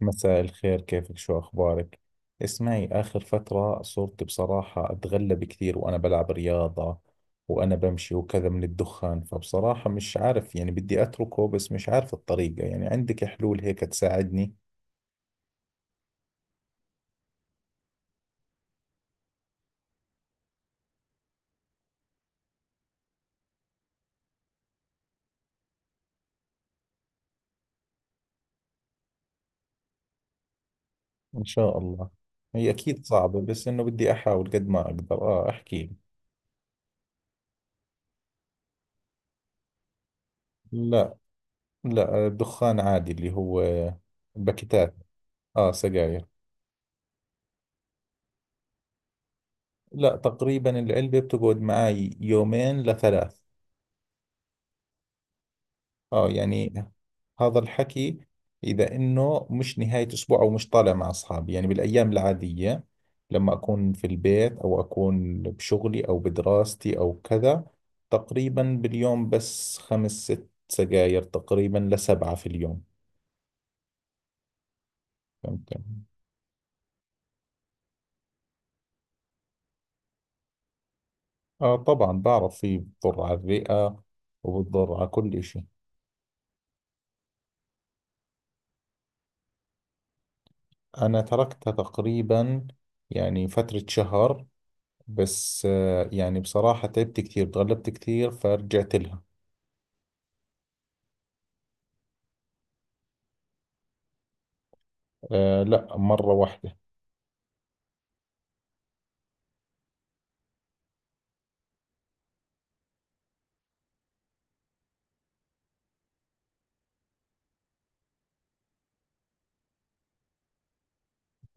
مساء الخير، كيفك؟ شو أخبارك؟ اسمعي، آخر فترة صرت بصراحة أتغلب كثير وأنا بلعب رياضة وأنا بمشي وكذا من الدخان. فبصراحة مش عارف، يعني بدي أتركه بس مش عارف الطريقة. يعني عندك حلول هيك تساعدني؟ إن شاء الله. هي أكيد صعبة بس إنه بدي أحاول قد ما أقدر. احكي لي. لا. لا الدخان عادي اللي هو باكيتات. آه، سجاير. لا تقريبا العلبة بتقعد معي يومين لثلاث. اه يعني هذا الحكي، اذا انه مش نهاية اسبوع او مش طالع مع اصحابي، يعني بالايام العادية لما اكون في البيت او اكون بشغلي او بدراستي او كذا، تقريبا باليوم بس خمس ست سجاير تقريبا لسبعة في اليوم. فهمت. اه، طبعا بعرف، في بضر على الرئة وبضر على كل اشي. انا تركتها تقريبا يعني فترة شهر، بس يعني بصراحة تعبت كثير، تغلبت كثير فرجعت لها. لا، مرة واحدة.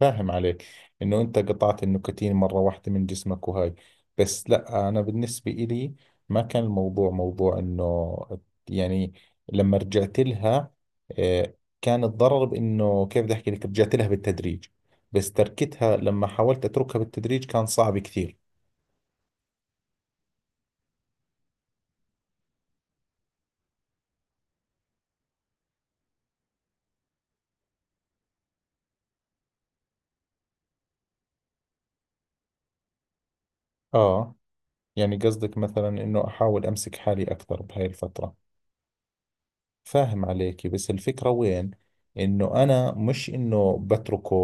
فاهم عليك، إنه أنت قطعت النكتين مرة واحدة من جسمك وهاي. بس لا، أنا بالنسبة إلي ما كان الموضوع موضوع إنه، يعني لما رجعت لها آه كان الضرر بإنه كيف بدي أحكي لك، رجعت لها بالتدريج. بس تركتها لما حاولت أتركها بالتدريج كان صعب كثير. آه، يعني قصدك مثلا إنه أحاول أمسك حالي أكثر بهاي الفترة. فاهم عليكي، بس الفكرة وين؟ انه انا مش انه بتركه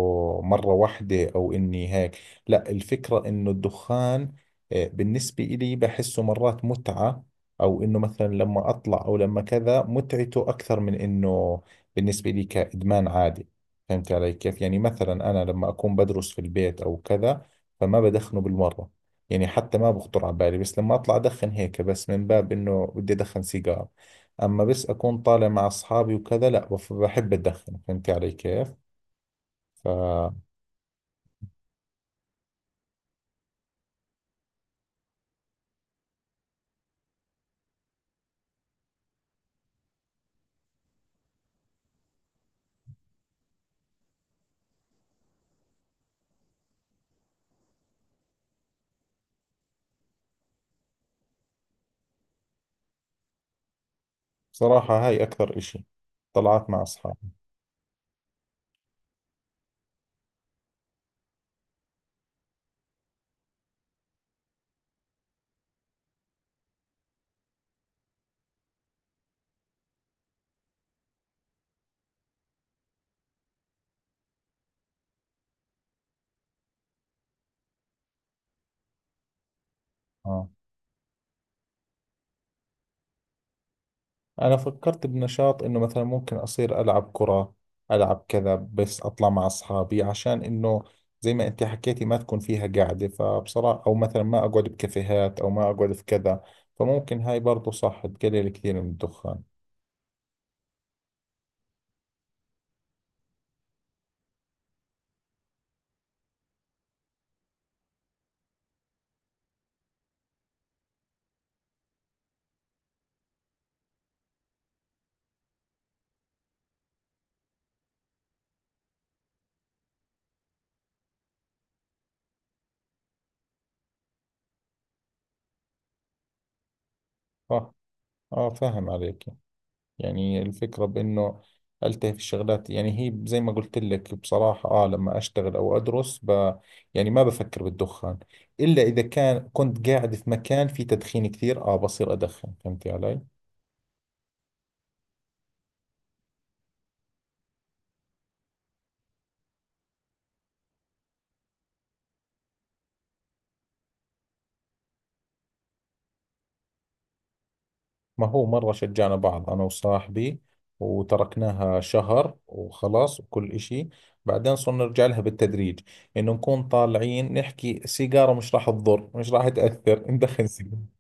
مرة واحدة او اني هيك. لا، الفكرة انه الدخان بالنسبة إلي بحسه مرات متعة، او انه مثلا لما اطلع او لما كذا متعته اكثر من انه بالنسبة لي كإدمان عادي. فهمت علي كيف؟ يعني مثلا انا لما اكون بدرس في البيت او كذا فما بدخنه بالمرة، يعني حتى ما بخطر على بالي. بس لما اطلع ادخن هيك بس من باب انه بدي ادخن سيجار. اما بس اكون طالع مع اصحابي وكذا، لا بحب اتدخن. فهمتي علي كيف؟ فبصراحة، هاي اكثر اشي، طلعت مع اصحابي. اه، انا فكرت بنشاط انه مثلا ممكن اصير العب كرة، العب كذا، بس اطلع مع اصحابي عشان انه، زي ما انت حكيتي، ما تكون فيها قاعدة. فبصراحة او مثلا ما اقعد بكافيهات او ما اقعد في كذا. فممكن هاي برضو صح تقلل كثير من الدخان. صح. اه، فاهم عليك. يعني الفكرة بإنه ألتهي في الشغلات، يعني هي زي ما قلت لك بصراحة، لما أشتغل أو أدرس يعني ما بفكر بالدخان، إلا إذا كان كنت قاعد في مكان فيه تدخين كثير بصير أدخن. فهمتي علي؟ ما هو مرة شجعنا بعض أنا وصاحبي، وتركناها شهر وخلاص وكل إشي. بعدين صرنا نرجع لها بالتدريج، إنه نكون طالعين نحكي سيجارة مش راح تضر، مش راح تأثر، ندخن سيجارة.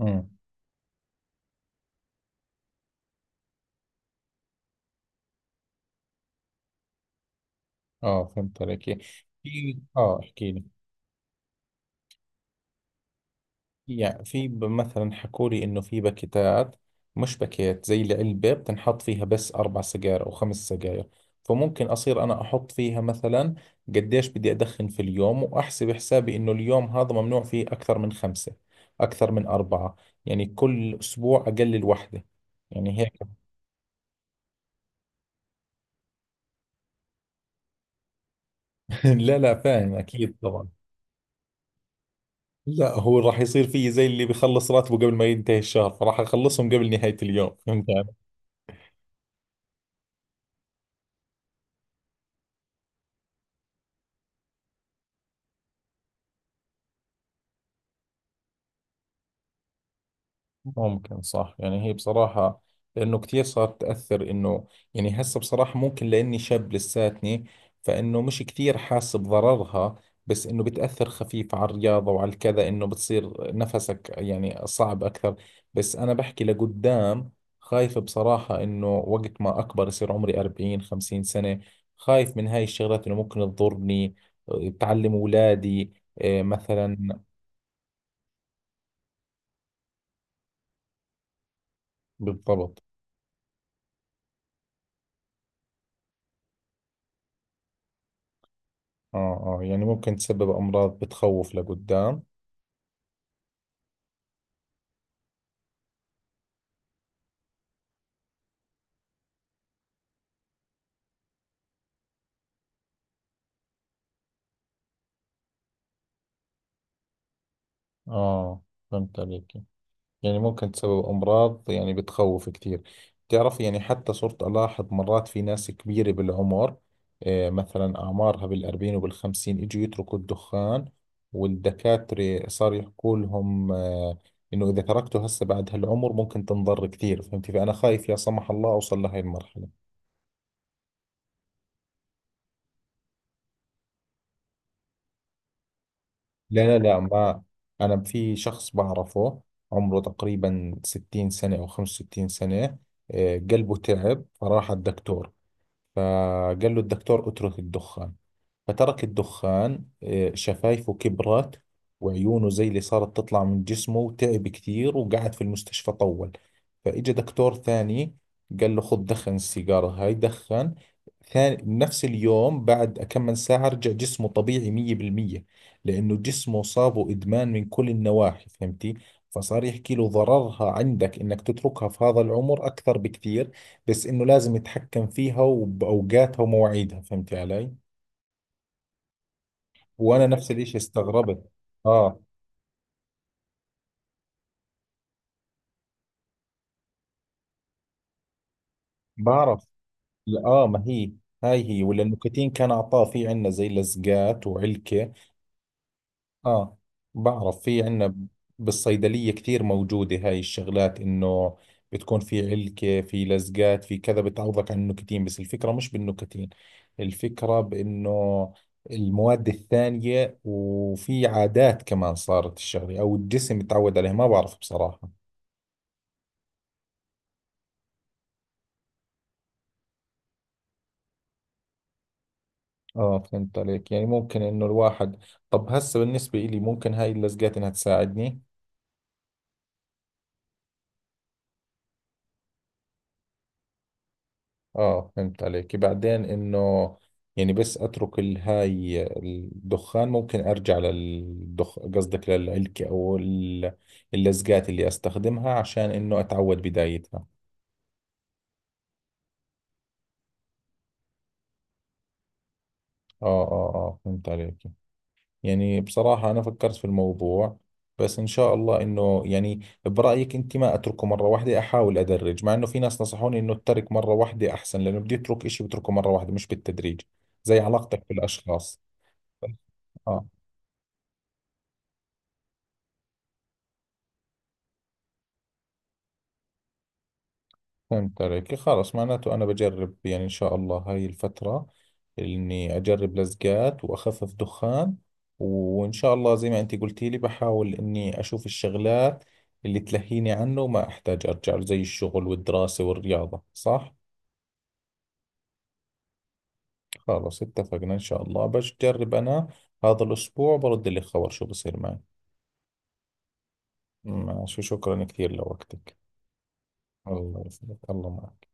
آه. اه، فهمت عليك. يعني في، احكي لي. يعني في مثلا حكوا لي انه في باكيتات، مش باكيت زي العلبة بتنحط فيها بس اربع سجاير او خمس سجاير. فممكن اصير انا احط فيها مثلا قديش بدي ادخن في اليوم، واحسب حسابي انه اليوم هذا ممنوع فيه اكثر من خمسة، اكثر من اربعة. يعني كل اسبوع اقلل واحدة، يعني هيك. لا لا، فاهم اكيد طبعا. لا، هو راح يصير فيه زي اللي بيخلص راتبه قبل ما ينتهي الشهر، فراح اخلصهم قبل نهاية اليوم. فهمت. ممكن، صح. يعني هي بصراحة لأنه كثير صارت تأثر إنه، يعني هسه بصراحة ممكن لأني شاب لساتني، فإنه مش كثير حاسس بضررها. بس إنه بتأثر خفيف على الرياضة وعلى الكذا، إنه بتصير نفسك يعني صعب أكثر. بس أنا بحكي لقدام، خايف بصراحة إنه وقت ما أكبر، يصير عمري 40 50 سنة، خايف من هاي الشغلات إنه ممكن تضرني، تعلم أولادي، إيه، مثلا. بالضبط. اه اه، يعني ممكن تسبب امراض بتخوف لقدام. اه، فهمت عليك. يعني ممكن تسبب امراض، يعني بتخوف كثير. بتعرف، يعني حتى صرت الاحظ مرات في ناس كبيرة بالعمر، مثلا اعمارها بالأربعين وبالخمسين اجوا يتركوا الدخان. والدكاترة صار يحكوا لهم انه اذا تركته هسه بعد هالعمر ممكن تنضر كثير. فهمتي؟ فانا خايف لا سمح الله اوصل لهي المرحلة. لا لا لا. ما أنا في شخص بعرفه عمره تقريبا 60 سنة أو 65 سنة. قلبه تعب فراح الدكتور، فقال له الدكتور اترك الدخان، فترك الدخان. شفايفه كبرت وعيونه زي اللي صارت تطلع من جسمه، وتعب كثير وقعد في المستشفى طول. فإجا دكتور ثاني قال له خذ دخن السيجارة هاي، دخن ثاني. نفس اليوم بعد كم من ساعة رجع جسمه طبيعي 100%، لأنه جسمه صابه إدمان من كل النواحي. فهمتي؟ فصار يحكي له ضررها عندك إنك تتركها في هذا العمر أكثر بكثير، بس إنه لازم يتحكم فيها وبأوقاتها ومواعيدها. فهمتي علي؟ وانا نفس الاشي استغربت. اه، بعرف. لا، ما هي هاي هي، ولا النكتين كان اعطاه في عندنا زي لزقات وعلكة. اه، بعرف، في عندنا بالصيدلية كثير موجودة هاي الشغلات، انه بتكون في علكة، في لزقات، في كذا، بتعوضك عن النكتين. بس الفكرة مش بالنكتين، الفكرة بانه المواد الثانية، وفي عادات كمان صارت الشغلة او الجسم يتعود عليها، ما بعرف بصراحة. اه، فهمت عليك. يعني ممكن انه الواحد، طب هسه بالنسبة إلي ممكن هاي اللزقات انها تساعدني؟ اه، فهمت عليك. بعدين انه يعني بس اترك هاي الدخان، ممكن ارجع قصدك للعلكة او اللزقات اللي استخدمها عشان انه اتعود بدايتها. اه اه اه، فهمت عليك. يعني بصراحة أنا فكرت في الموضوع، بس إن شاء الله إنه، يعني برأيك أنت ما أتركه مرة واحدة، أحاول أدرج، مع إنه في ناس نصحوني إنه أترك مرة واحدة أحسن، لأنه بدي أترك إشي بتركه مرة واحدة مش بالتدريج، زي علاقتك بالأشخاص. آه، فهمت عليك، خلاص. معناته أنا بجرب، يعني إن شاء الله هاي الفترة إني أجرب لزقات وأخفف دخان. وإن شاء الله زي ما أنت قلتي لي، بحاول إني أشوف الشغلات اللي تلهيني عنه وما أحتاج أرجع له، زي الشغل والدراسة والرياضة، صح؟ خلاص اتفقنا. إن شاء الله بجرب أنا هذا الأسبوع، برد لك خبر شو بصير معي. ماشي، شكرا كثير لوقتك. الله يسلمك، الله معك.